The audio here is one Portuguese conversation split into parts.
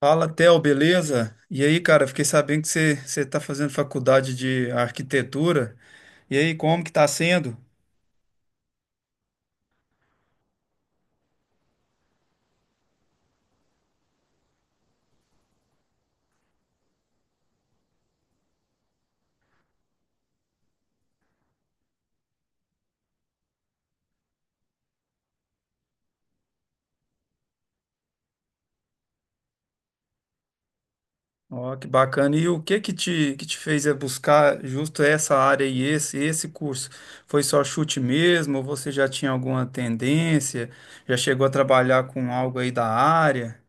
Fala, Theo, beleza? E aí, cara, fiquei sabendo que você está fazendo faculdade de arquitetura. E aí, como que está sendo? Ó, que bacana. E o que que te fez buscar justo essa área e esse curso? Foi só chute mesmo? Ou você já tinha alguma tendência? Já chegou a trabalhar com algo aí da área?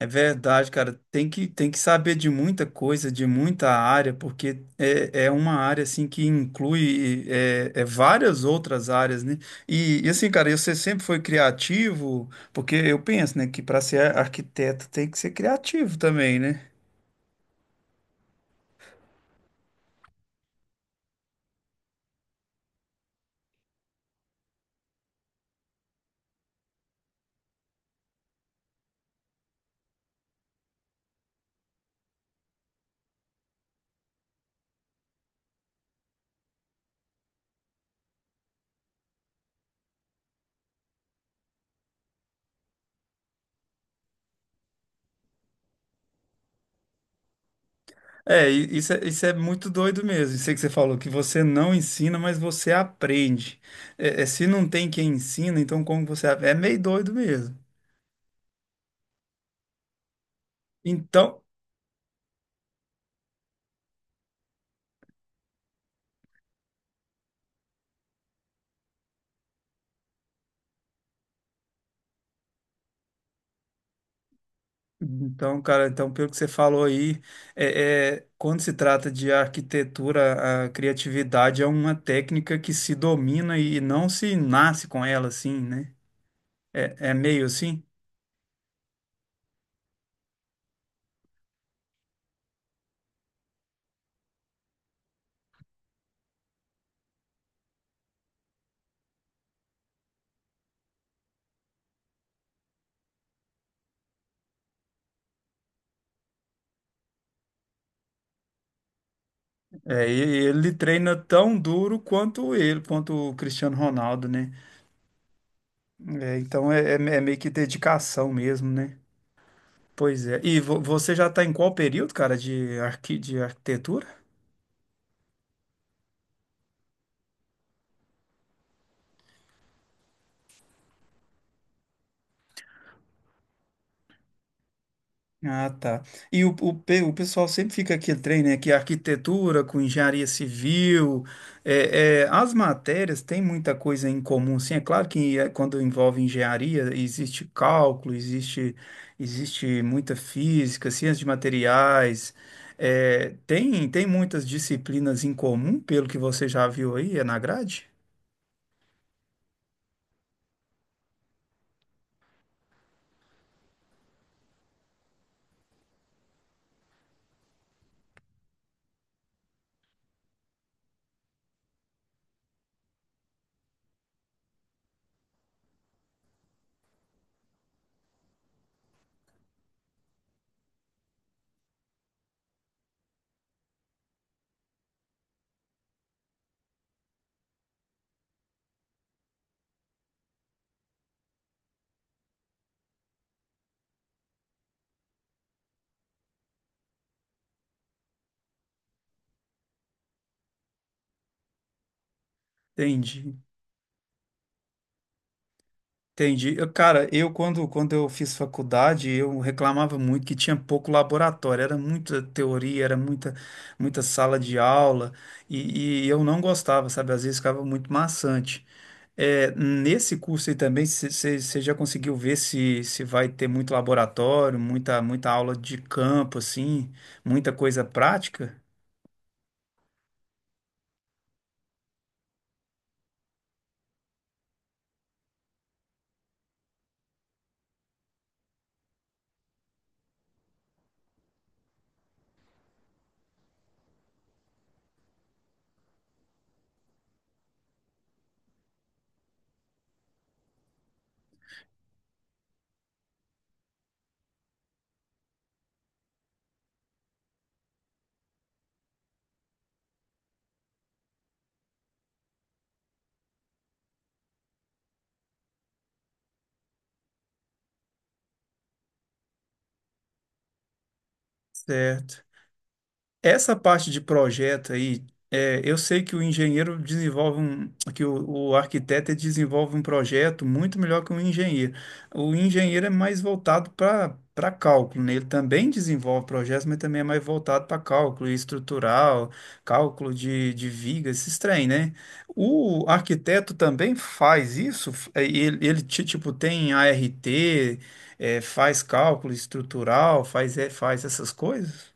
É verdade, cara. Tem que saber de muita coisa, de muita área, porque é uma área assim que inclui é várias outras áreas, né? E, assim, cara, você sempre foi criativo, porque eu penso, né, que para ser arquiteto tem que ser criativo também, né? Isso é muito doido mesmo. Sei que você falou que você não ensina, mas você aprende. É, é, se não tem quem ensina, então como você... É meio doido mesmo. Então, então, cara, então pelo que você falou aí, é, é, quando se trata de arquitetura, a criatividade é uma técnica que se domina e não se nasce com ela, assim, né? É, é meio assim. É, e ele treina tão duro quanto ele, quanto o Cristiano Ronaldo, né? É, então é, é meio que dedicação mesmo, né? Pois é. E você já está em qual período, cara, de, arqui de arquitetura? Ah, tá. E o pessoal sempre fica aquele trem, né? Que é arquitetura com engenharia civil, é, é, as matérias têm muita coisa em comum, sim. É claro que é, quando envolve engenharia, existe cálculo, existe muita física, ciência de materiais, é, tem muitas disciplinas em comum, pelo que você já viu aí, é na grade? Entendi. Entendi. Cara, quando eu fiz faculdade, eu reclamava muito que tinha pouco laboratório, era muita teoria, muita sala de aula, e eu não gostava, sabe? Às vezes ficava muito maçante. É, nesse curso aí também, você já conseguiu ver se vai ter muito laboratório, muita aula de campo, assim, muita coisa prática? Certo. Essa parte de projeto aí, é, eu sei que o engenheiro desenvolve um, que o arquiteto ele desenvolve um projeto muito melhor que o engenheiro. O engenheiro é mais voltado para cálculo, né? Ele também desenvolve projetos, mas também é mais voltado para cálculo estrutural, cálculo de vigas, esses trem, né? O arquiteto também faz isso, tipo tem a ART, é, faz cálculo estrutural, faz, é, faz essas coisas?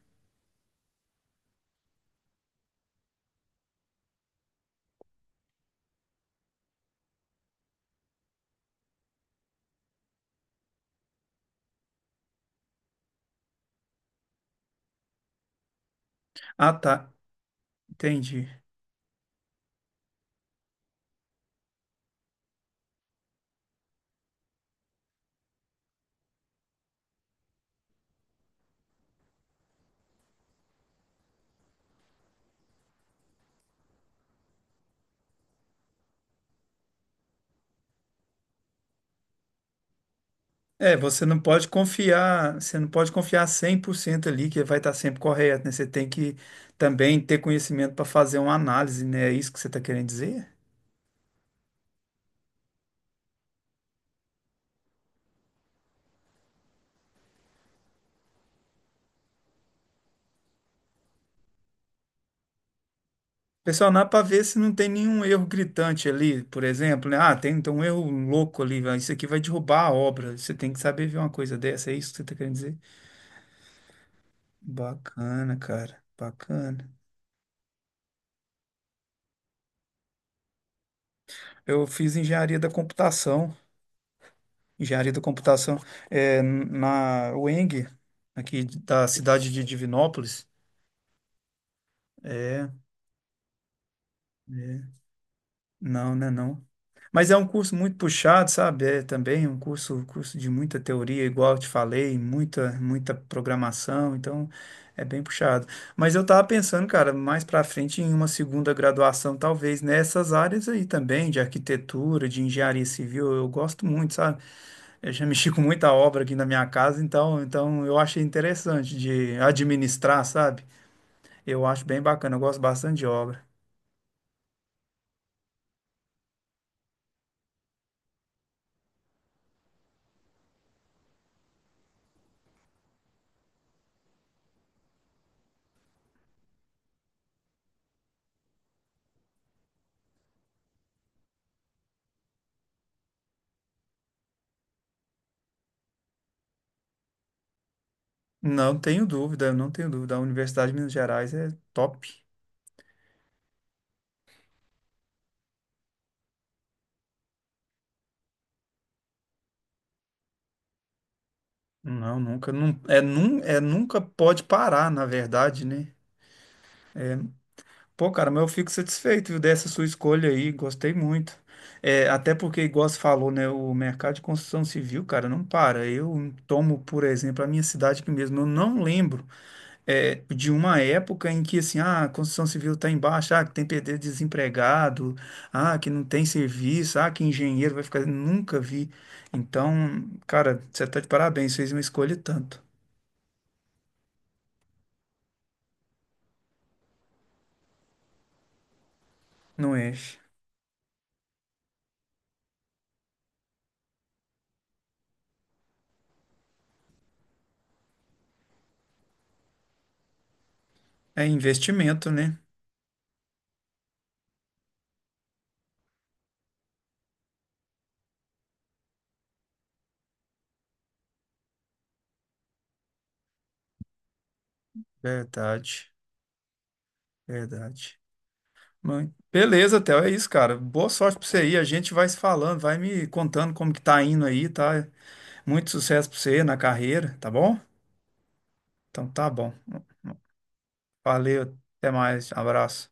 Ah, tá. Entendi. É, você não pode confiar 100% ali que vai estar sempre correto, né? Você tem que também ter conhecimento para fazer uma análise, né? É isso que você está querendo dizer? Pressionar para ver se não tem nenhum erro gritante ali, por exemplo, né? Ah, tem então, um erro louco ali, isso aqui vai derrubar a obra. Você tem que saber ver uma coisa dessa, é isso que você está querendo dizer? Bacana, cara, bacana. Eu fiz engenharia da computação. Engenharia da computação, é, na UENG, aqui da cidade de Divinópolis. É, não, né, não. Mas é um curso muito puxado, sabe? É também curso de muita teoria, igual eu te falei, muita programação, então é bem puxado. Mas eu tava pensando, cara, mais pra frente em uma segunda graduação, talvez nessas áreas aí também, de arquitetura, de engenharia civil, eu gosto muito, sabe? Eu já mexi com muita obra aqui na minha casa, então eu achei interessante de administrar, sabe? Eu acho bem bacana, eu gosto bastante de obra. Não tenho dúvida. A Universidade de Minas Gerais é top. Não, nunca, não, é nunca pode parar, na verdade, né? Pô, cara, mas eu fico satisfeito, viu, dessa sua escolha aí, gostei muito. É, até porque, igual você falou, né, o mercado de construção civil, cara, não para. Eu tomo, por exemplo, a minha cidade aqui mesmo, eu não lembro. É, de uma época em que assim, ah, a construção civil está em baixa, ah, que tem PD desempregado, ah, que não tem serviço, ah, que engenheiro vai ficar. Nunca vi. Então, cara, você tá de parabéns, fez uma escolha e tanto. Não enche. É investimento, né? Verdade, verdade. Mãe. Beleza, Theo, é isso, cara. Boa sorte pra você aí. A gente vai se falando, vai me contando como que tá indo aí, tá? Muito sucesso pra você na carreira, tá bom? Então tá bom. Valeu, até mais, abraço.